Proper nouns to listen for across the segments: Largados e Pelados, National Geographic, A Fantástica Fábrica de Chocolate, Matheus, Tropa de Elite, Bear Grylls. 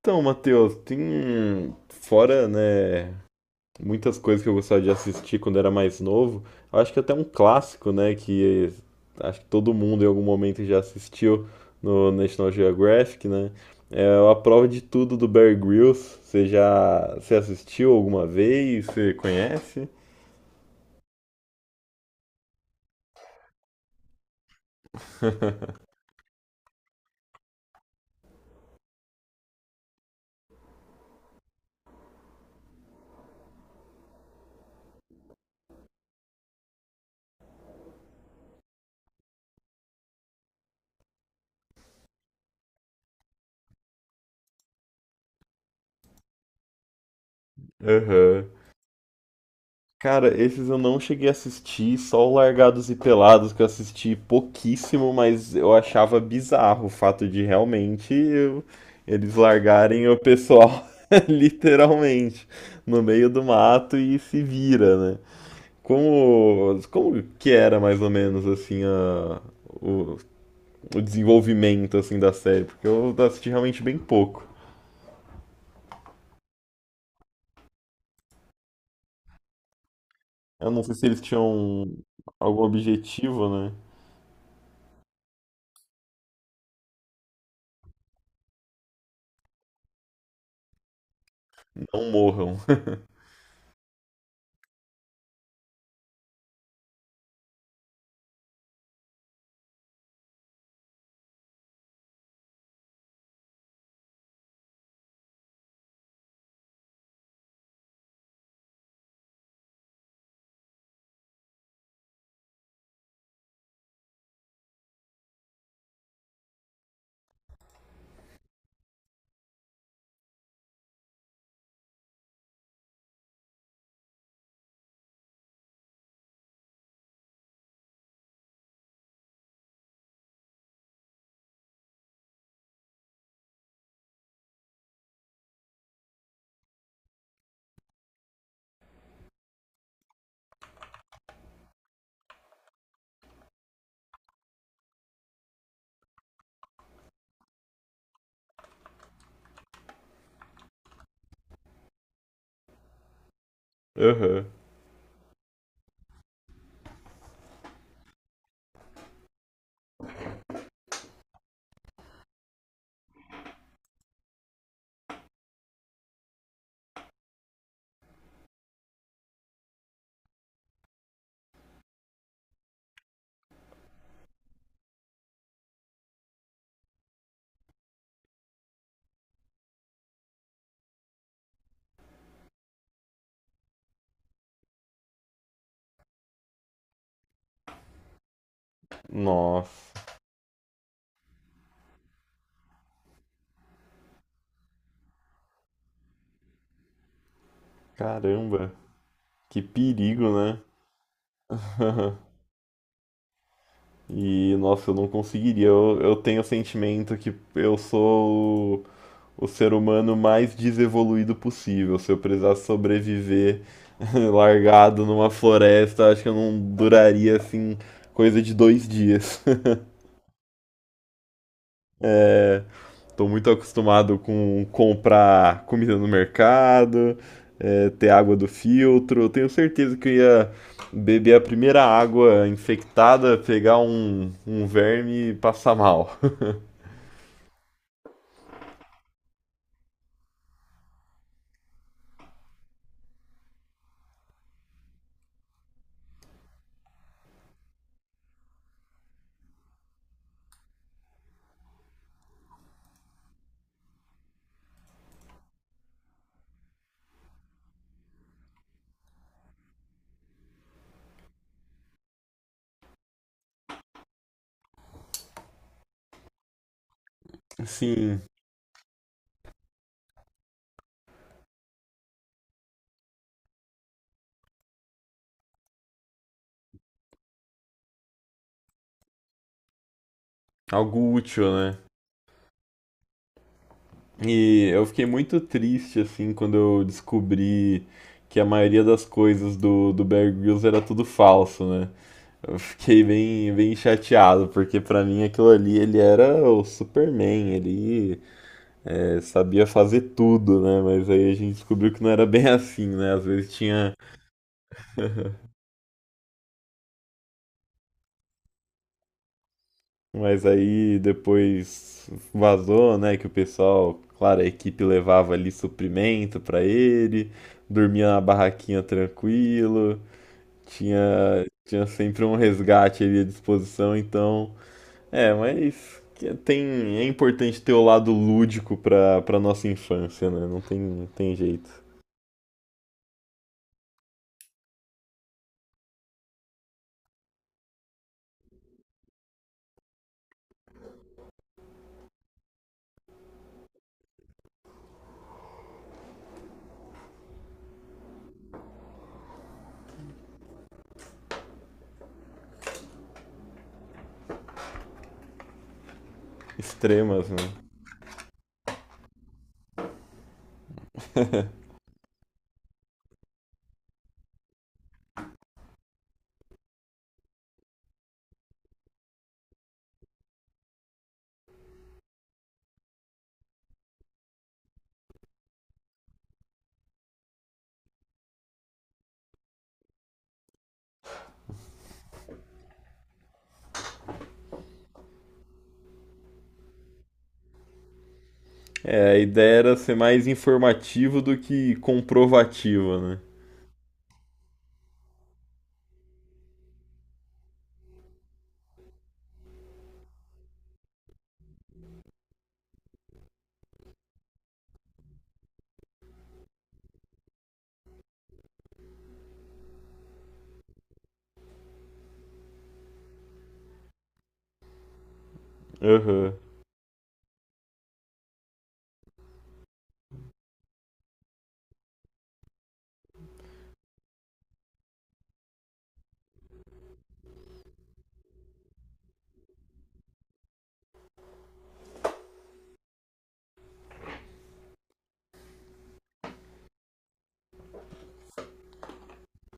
Então, Matheus, tem fora, né, muitas coisas que eu gostava de assistir quando era mais novo. Eu acho que até um clássico, né, que acho que todo mundo em algum momento já assistiu no National Geographic, né? É a prova de tudo do Bear Grylls. Você assistiu alguma vez? Você conhece? Aham. Cara, esses eu não cheguei a assistir, só o Largados e Pelados que eu assisti pouquíssimo, mas eu achava bizarro o fato de eles largarem o pessoal literalmente no meio do mato e se vira, né? Como que era mais ou menos assim o, o desenvolvimento assim da série? Porque eu assisti realmente bem pouco. Eu não sei se eles tinham algum objetivo, né? Não morram. Aham. Nossa. Caramba, que perigo, né? E, nossa, eu não conseguiria. Eu tenho o sentimento que eu sou o ser humano mais desevoluído possível. Se eu precisasse sobreviver largado numa floresta, acho que eu não duraria assim coisa de dois dias. É, tô muito acostumado com comprar comida no mercado, ter água do filtro. Eu tenho certeza que eu ia beber a primeira água infectada, pegar um verme e passar mal. Assim, algo útil, né? E eu fiquei muito triste, assim, quando eu descobri que a maioria das coisas do Bear Grylls era tudo falso, né? Eu fiquei bem chateado, porque pra mim aquilo ali, ele era o Superman, ele sabia fazer tudo, né? Mas aí a gente descobriu que não era bem assim, né? Às vezes tinha. Mas aí depois vazou, né? Que o pessoal, claro, a equipe levava ali suprimento pra ele, dormia na barraquinha tranquilo, tinha sempre um resgate ali à disposição, então. É, mas tem, é importante ter o lado lúdico pra nossa infância, né? Não tem jeito. Extremas, né? É, a ideia era ser mais informativo do que comprovativa, né? Aham.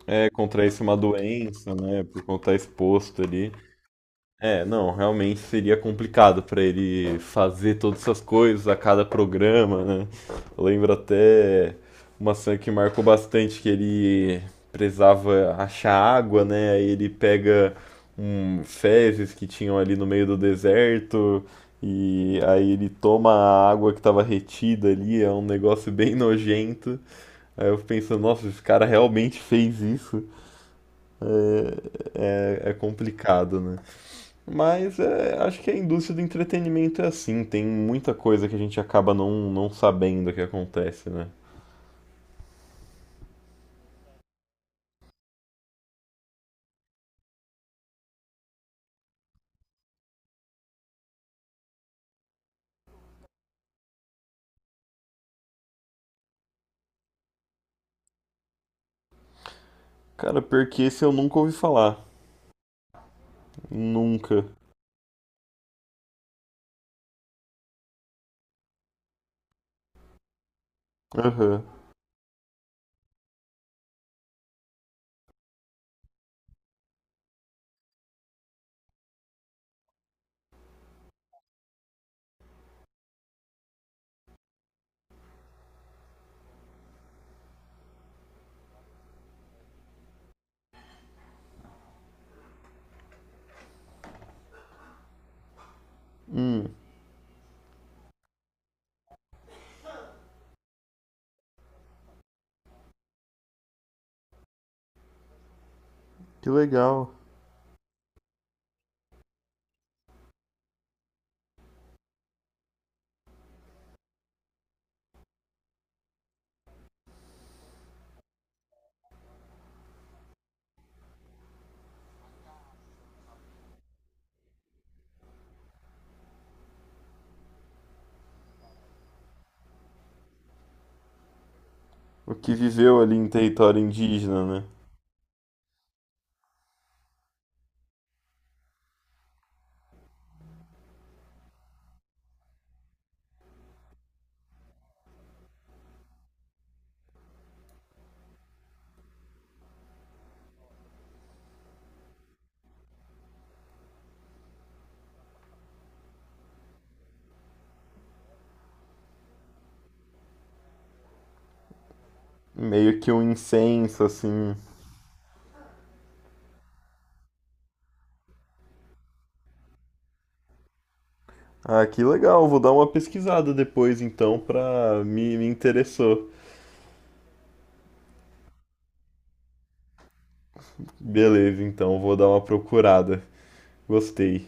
É, contrair-se uma doença, né? Por conta exposto ali. É, não, realmente seria complicado para ele fazer todas essas coisas a cada programa, né? Eu lembro até uma cena que marcou bastante que ele precisava achar água, né? Aí ele pega um fezes que tinham ali no meio do deserto e aí ele toma a água que estava retida ali, é um negócio bem nojento. Aí eu fico pensando, nossa, esse cara realmente fez isso. É, complicado, né? Mas é, acho que a indústria do entretenimento é assim, tem muita coisa que a gente acaba não sabendo o que acontece, né? Cara, porque esse eu nunca ouvi falar. Nunca. Aham. Hum, que legal. O que viveu ali em território indígena, né? Meio que um incenso, assim. Ah, que legal, vou dar uma pesquisada depois então pra. Me interessou. Beleza, então vou dar uma procurada. Gostei.